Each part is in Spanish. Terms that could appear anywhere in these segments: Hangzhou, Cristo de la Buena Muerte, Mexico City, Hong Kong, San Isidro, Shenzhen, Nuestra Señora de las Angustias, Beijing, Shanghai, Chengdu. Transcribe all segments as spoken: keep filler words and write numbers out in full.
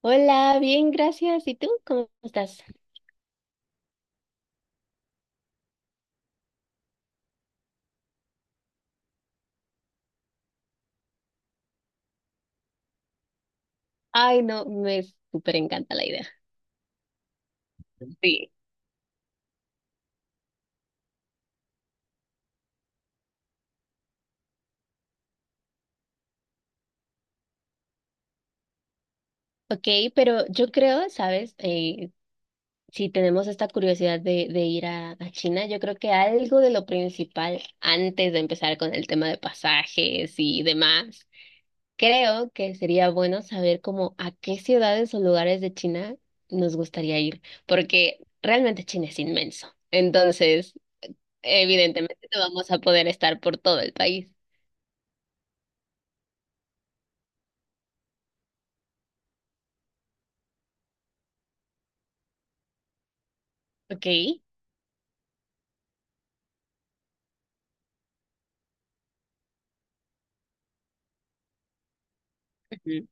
Hola, bien, gracias. ¿Y tú? ¿Cómo estás? Ay, no, me súper encanta la idea. Sí. Ok, pero yo creo, ¿sabes? Eh, si tenemos esta curiosidad de, de ir a, a China, yo creo que algo de lo principal antes de empezar con el tema de pasajes y demás, creo que sería bueno saber como a qué ciudades o lugares de China nos gustaría ir, porque realmente China es inmenso. Entonces, evidentemente no vamos a poder estar por todo el país. Ok. Mm.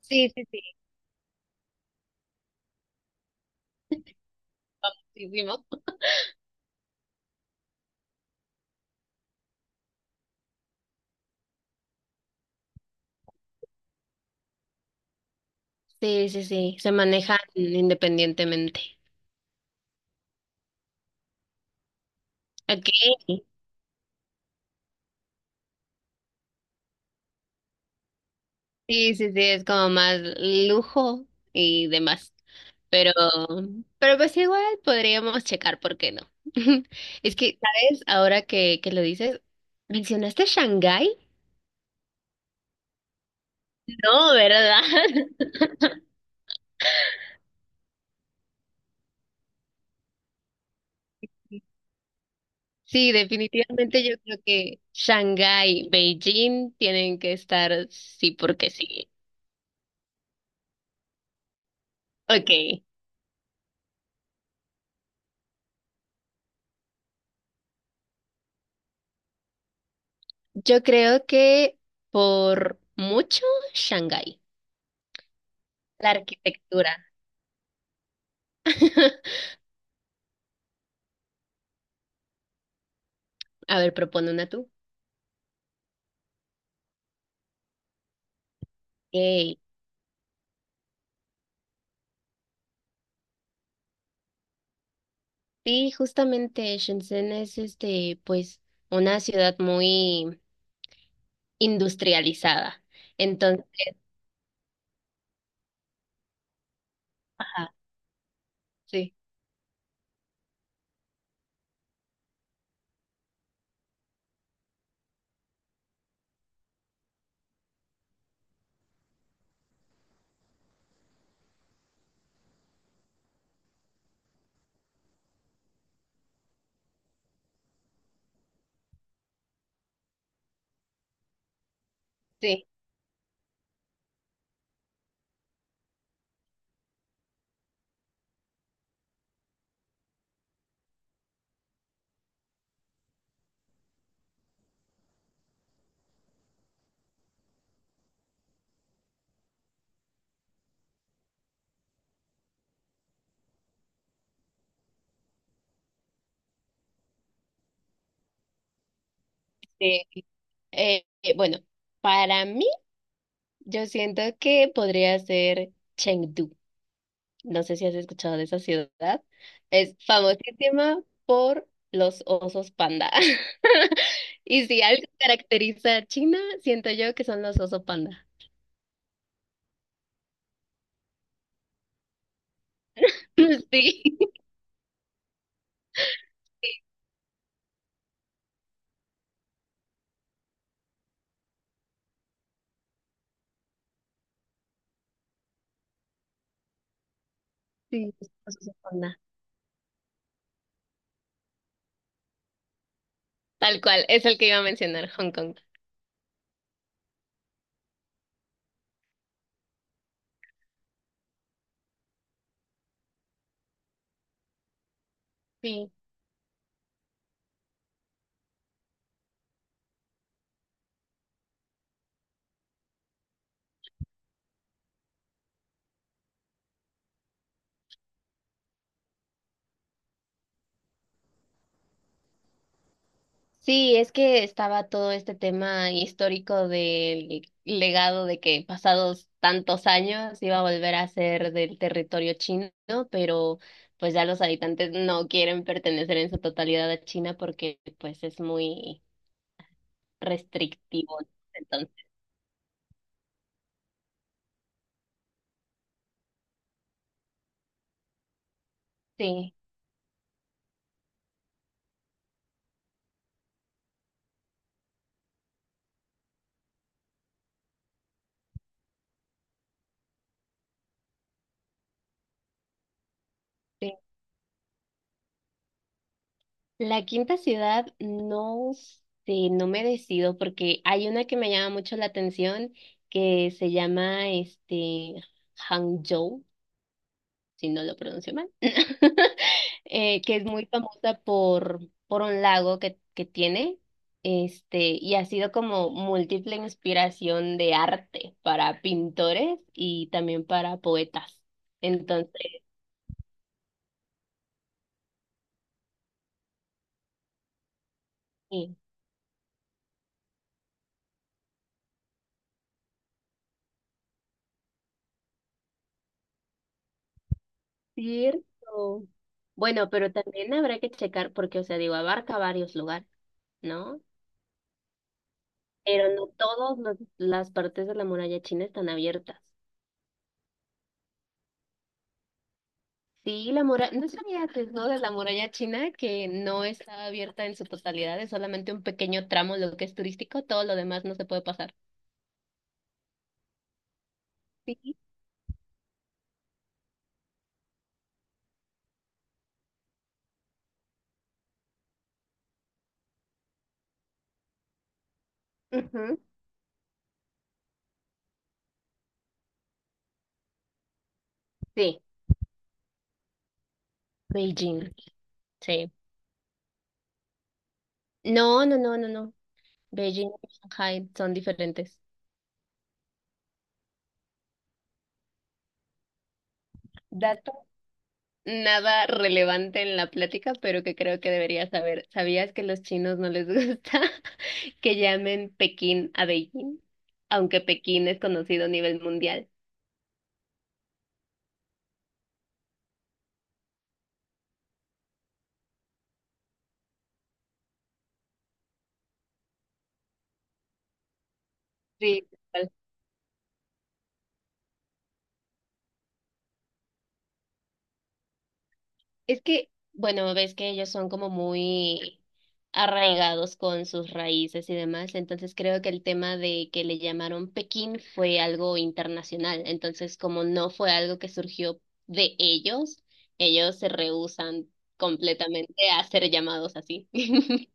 Sí, sí, sí, sí, fuimos. Sí, sí, sí, se manejan independientemente. Ok. Sí, sí, sí, es como más lujo y demás. Pero, pero pues igual podríamos checar, ¿por qué no? Es que, ¿sabes? Ahora que, que lo dices, ¿mencionaste Shanghái? No, ¿verdad? Sí, definitivamente yo creo que Shanghái, Beijing tienen que estar sí porque sí. Ok. Yo creo que por mucho Shanghái, la arquitectura. A ver, propone una tú. Ey. Sí, justamente Shenzhen es este, pues, una ciudad muy industrializada. Entonces, ajá, sí, sí, sí. Eh, eh, bueno, para mí, yo siento que podría ser Chengdu. No sé si has escuchado de esa ciudad. Es famosísima por los osos panda. Y si algo caracteriza a China, siento yo que son los osos panda. Sí, sí, los osos panda. Tal cual, es el que iba a mencionar, Hong Kong. Sí. Sí, es que estaba todo este tema histórico del legado de que pasados tantos años iba a volver a ser del territorio chino, pero pues ya los habitantes no quieren pertenecer en su totalidad a China porque pues es muy restrictivo, ¿no? Entonces, sí, sí. La quinta ciudad, no sé, no me decido porque hay una que me llama mucho la atención que se llama este Hangzhou si no lo pronuncio mal, eh, que es muy famosa por, por un lago que, que tiene, este, y ha sido como múltiple inspiración de arte para pintores y también para poetas. Entonces, sí, cierto. Bueno, pero también habrá que checar porque, o sea, digo, abarca varios lugares, ¿no? Pero no todas las partes de la muralla china están abiertas. Sí, la muralla, no sabías, ¿no? De la muralla china que no está abierta en su totalidad, es solamente un pequeño tramo lo que es turístico, todo lo demás no se puede pasar. Sí. Ujú. Sí, Beijing, sí. No, no, no, no, no. Beijing y Shanghai son diferentes. Dato. Nada relevante en la plática, pero que creo que deberías saber. ¿Sabías que los chinos no les gusta que llamen Pekín a Beijing? Aunque Pekín es conocido a nivel mundial. Sí. Es que, bueno, ves que ellos son como muy arraigados con sus raíces y demás, entonces creo que el tema de que le llamaron Pekín fue algo internacional, entonces como no fue algo que surgió de ellos, ellos se rehúsan completamente a ser llamados así.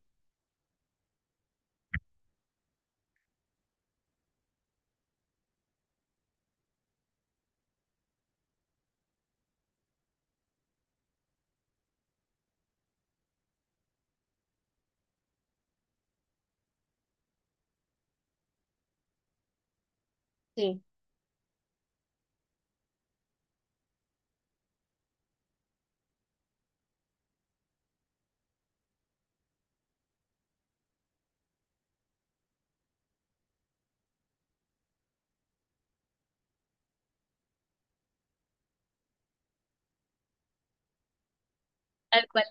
Sí, tal cual.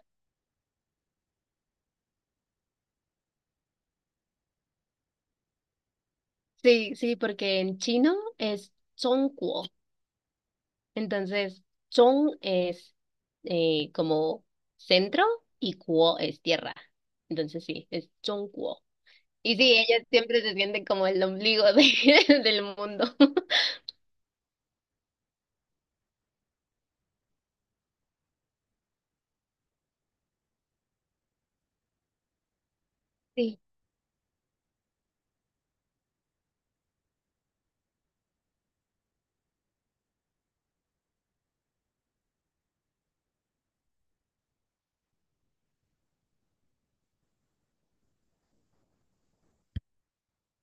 Sí, sí, porque en chino es Zhongguo. Entonces, Chong es eh, como centro y Kuo es tierra. Entonces, sí, es Chong Kuo. Y sí, ella siempre se siente como el ombligo de- del mundo. Sí,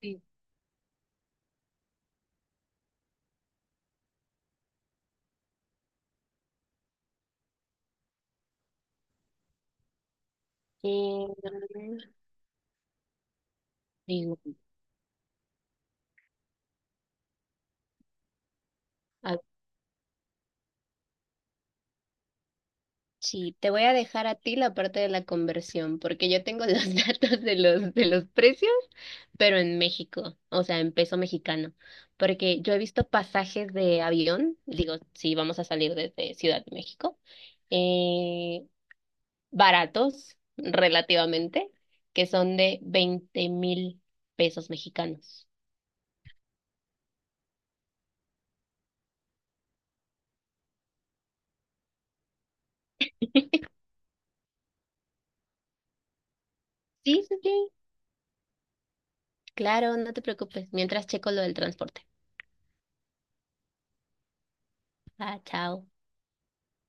sí. Y sí, te voy a dejar a ti la parte de la conversión, porque yo tengo los datos de los, de los precios, pero en México, o sea, en peso mexicano, porque yo he visto pasajes de avión, digo, si vamos a salir desde Ciudad de México, eh, baratos relativamente, que son de veinte mil pesos mexicanos. Sí, sí, sí, claro, no te preocupes, mientras checo lo del transporte. Ah, chao.